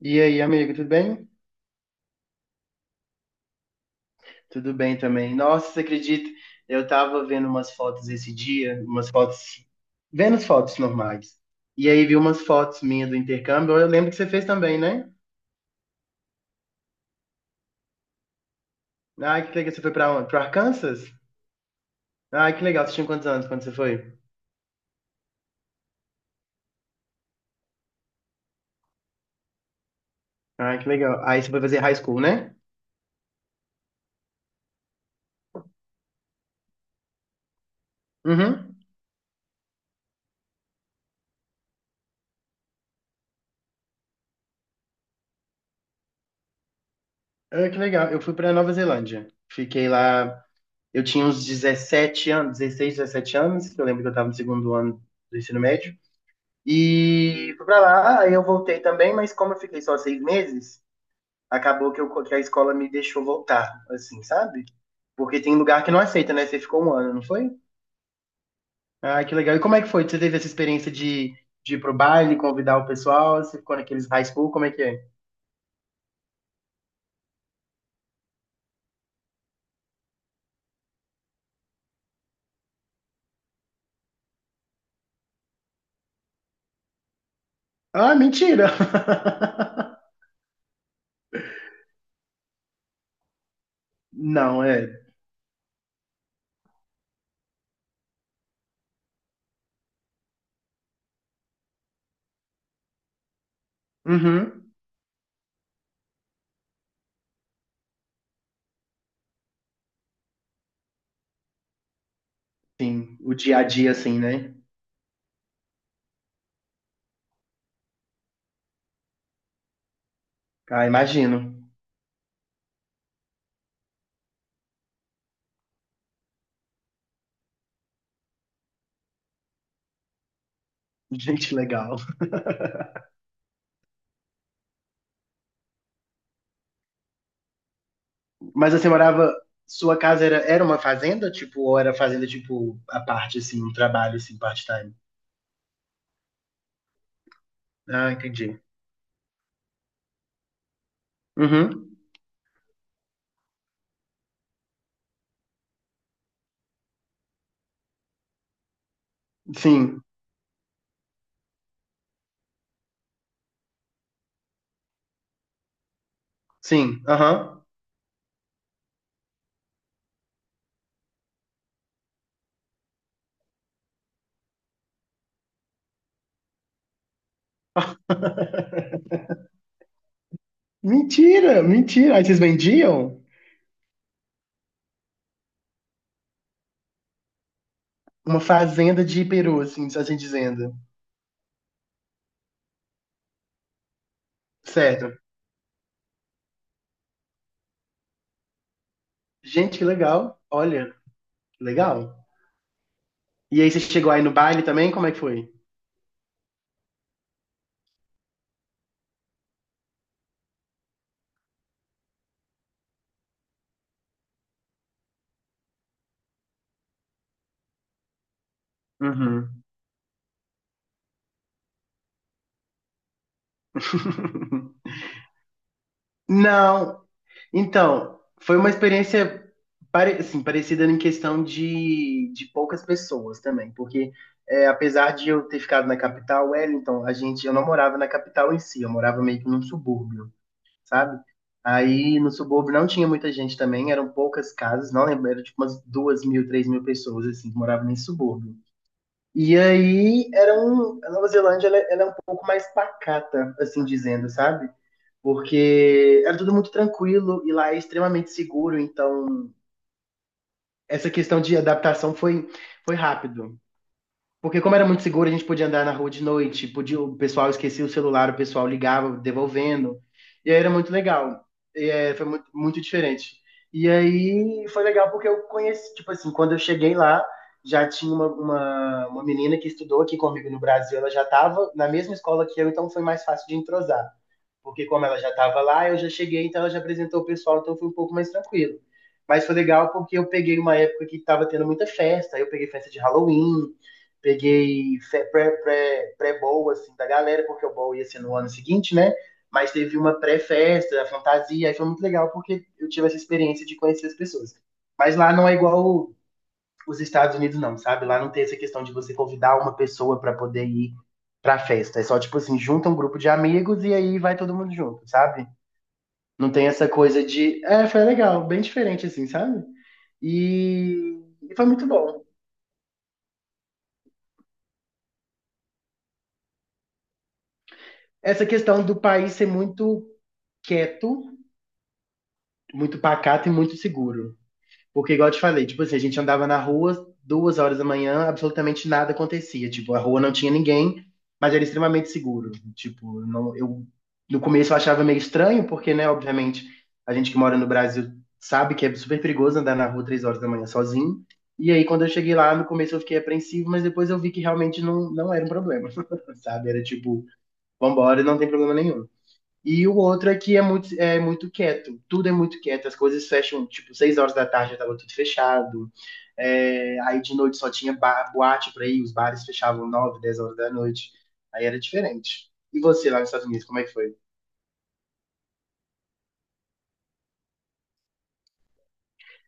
E aí, amigo, tudo bem? Tudo bem também. Nossa, você acredita? Eu tava vendo umas fotos esse dia, umas fotos, vendo as fotos normais. E aí vi umas fotos minhas do intercâmbio. Eu lembro que você fez também, né? Ah, que legal, você foi pra onde? Pro Arkansas? Ah, que legal, você tinha quantos anos quando você foi? Ah, que legal. Aí você foi fazer high school, né? Uhum. Ah, que legal. Eu fui pra Nova Zelândia. Fiquei lá, eu tinha uns 17 anos, 16, 17 anos, que eu lembro que eu tava no segundo ano do ensino médio. E fui pra lá, aí eu voltei também, mas como eu fiquei só 6 meses, acabou que, que a escola me deixou voltar, assim, sabe? Porque tem lugar que não aceita, né? Você ficou um ano, não foi? Ah, que legal. E como é que foi? Você teve essa experiência de ir pro baile, convidar o pessoal? Você ficou naqueles high school? Como é que é? Ah, mentira! Não, é. Uhum. Sim, o dia a dia, assim, né? Ah, imagino. Gente, legal. Mas você morava. Sua casa era uma fazenda, tipo, ou era fazenda, tipo, a parte, assim, um trabalho, assim, part-time? Ah, entendi. Uhum. Sim, sim, aham. Mentira, mentira. Aí vocês vendiam uma fazenda de peru, assim, assim dizendo. Certo. Gente, que legal. Olha, legal. E aí você chegou aí no baile também? Como é que foi? Uhum. Não, então, foi uma experiência assim, parecida em questão de poucas pessoas também, porque é, apesar de eu ter ficado na capital, Wellington, eu não morava na capital em si, eu morava meio que num subúrbio, sabe? Aí no subúrbio não tinha muita gente também, eram poucas casas, não lembro, era tipo umas 2 mil, 3 mil pessoas assim, que moravam nesse subúrbio. E aí era a Nova Zelândia ela é um pouco mais pacata, assim dizendo, sabe? Porque era tudo muito tranquilo e lá é extremamente seguro, então essa questão de adaptação foi, rápido. Porque como era muito seguro, a gente podia andar na rua de noite, podia, o pessoal esquecia o celular, o pessoal ligava, devolvendo, e aí era muito legal. E, foi muito, muito diferente. E aí foi legal porque eu conheci, tipo assim, quando eu cheguei lá, já tinha uma menina que estudou aqui comigo no Brasil, ela já estava na mesma escola que eu, então foi mais fácil de entrosar porque como ela já estava lá, eu já cheguei, então ela já apresentou o pessoal, então foi um pouco mais tranquilo. Mas foi legal porque eu peguei uma época que estava tendo muita festa, aí eu peguei festa de Halloween, peguei pré-bowl, assim, da galera, porque o bowl ia ser no ano seguinte, né? Mas teve uma pré-festa, a fantasia, aí foi muito legal porque eu tive essa experiência de conhecer as pessoas. Mas lá não é igual os Estados Unidos não, sabe? Lá não tem essa questão de você convidar uma pessoa para poder ir pra festa. É só tipo assim, junta um grupo de amigos e aí vai todo mundo junto, sabe? Não tem essa coisa de. É, foi legal, bem diferente assim, sabe? E, e foi muito bom. Essa questão do país ser muito quieto, muito pacato e muito seguro. Porque, igual eu te falei, tipo assim, a gente andava na rua 2 horas da manhã, absolutamente nada acontecia. Tipo, a rua não tinha ninguém, mas era extremamente seguro. Tipo, não, eu no começo eu achava meio estranho, porque, né, obviamente, a gente que mora no Brasil sabe que é super perigoso andar na rua 3 horas da manhã sozinho. E aí, quando eu cheguei lá, no começo eu fiquei apreensivo, mas depois eu vi que realmente não, não era um problema, sabe? Era tipo, vambora, não tem problema nenhum. E o outro é que é muito, quieto, tudo é muito quieto, as coisas fecham, tipo, 6 horas da tarde já tava tudo fechado. Aí de noite só tinha bar, boate pra ir, os bares fechavam 9, 10 horas da noite, aí era diferente. E você lá nos Estados Unidos, como é que foi?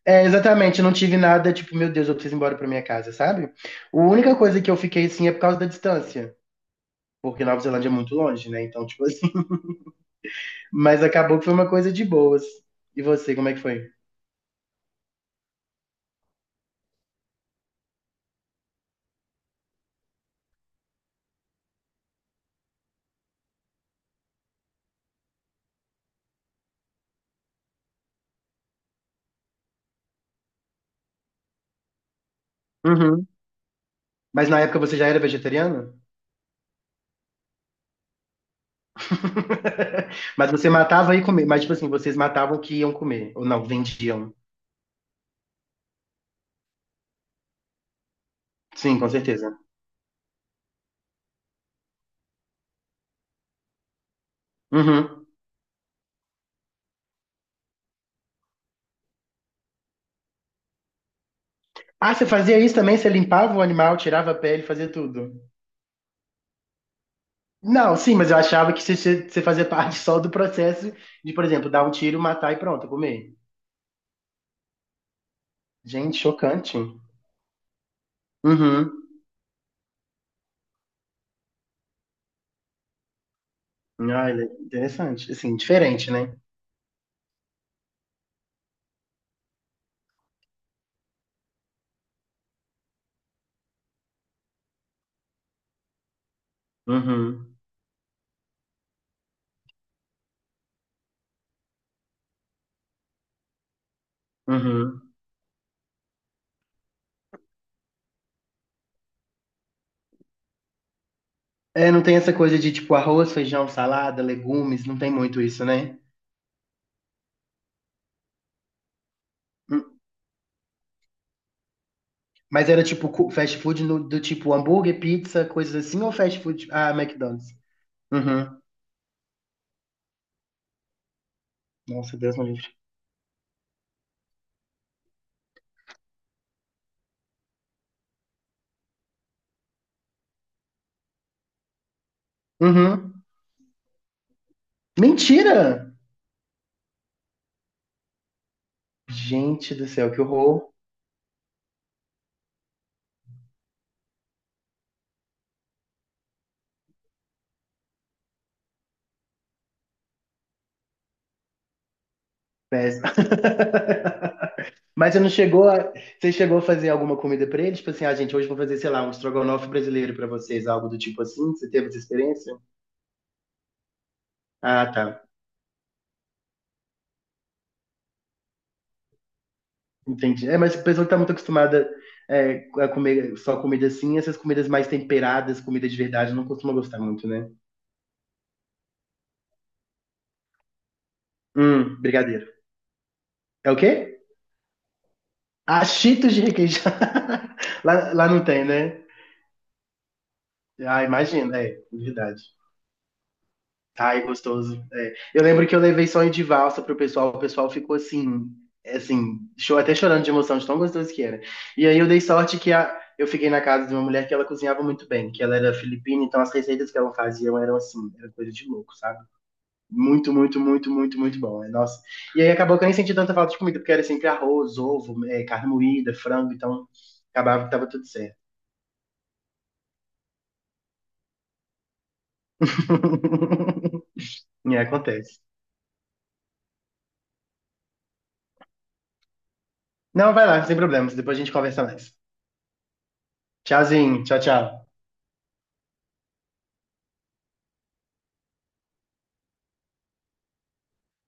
É, exatamente, eu não tive nada, tipo, meu Deus, eu preciso ir embora pra minha casa, sabe? A única coisa que eu fiquei, assim, é por causa da distância, porque Nova Zelândia é muito longe, né? Então, tipo assim, mas acabou que foi uma coisa de boas. E você, como é que foi? Uhum. Mas na época você já era vegetariano? Mas você matava e comia. Mas, tipo assim, vocês matavam o que iam comer. Ou não, vendiam. Sim, com certeza. Uhum. Ah, você fazia isso também? Você limpava o animal, tirava a pele, fazia tudo? Não, sim, mas eu achava que você fazia parte só do processo de, por exemplo, dar um tiro, matar e pronto, comer. Gente, chocante. Uhum. Ah, interessante. Assim, diferente, né? Uhum. Uhum. É, não tem essa coisa de, tipo, arroz, feijão, salada, legumes, não tem muito isso, né? Mas era tipo fast food do tipo hambúrguer, pizza, coisas assim, ou fast food? Ah, McDonald's. Uhum. Nossa, Deus me livre. Uhum. Mentira! Gente do céu, que horror. Péssimo. Mas você não chegou a... Você chegou a fazer alguma comida pra eles? Tipo assim, ah, gente, hoje eu vou fazer, sei lá, um estrogonofe brasileiro pra vocês, algo do tipo assim? Você teve essa experiência? Ah, tá. Entendi. É, mas a pessoa que tá muito acostumada, a comer só comida assim, essas comidas mais temperadas, comida de verdade, não costuma gostar muito, né? Brigadeiro. É o quê? Ah, Cheetos de requeijão. Lá não tem, né? Ah, imagina, é, verdade. Ai, gostoso. É. Eu lembro que eu levei sonho de valsa pro pessoal, o pessoal ficou assim, assim, até chorando de emoção, de tão gostoso que era. E aí eu dei sorte que eu fiquei na casa de uma mulher que ela cozinhava muito bem, que ela era filipina, então as receitas que ela fazia eram assim, era coisa de louco, sabe? Muito, muito, muito, muito, muito bom. Nossa. E aí acabou que eu nem senti tanta falta de comida, porque era sempre arroz, ovo, carne moída, frango, então acabava que tava tudo certo. E aí acontece. Não, vai lá, sem problemas. Depois a gente conversa mais. Tchauzinho, tchau, tchau.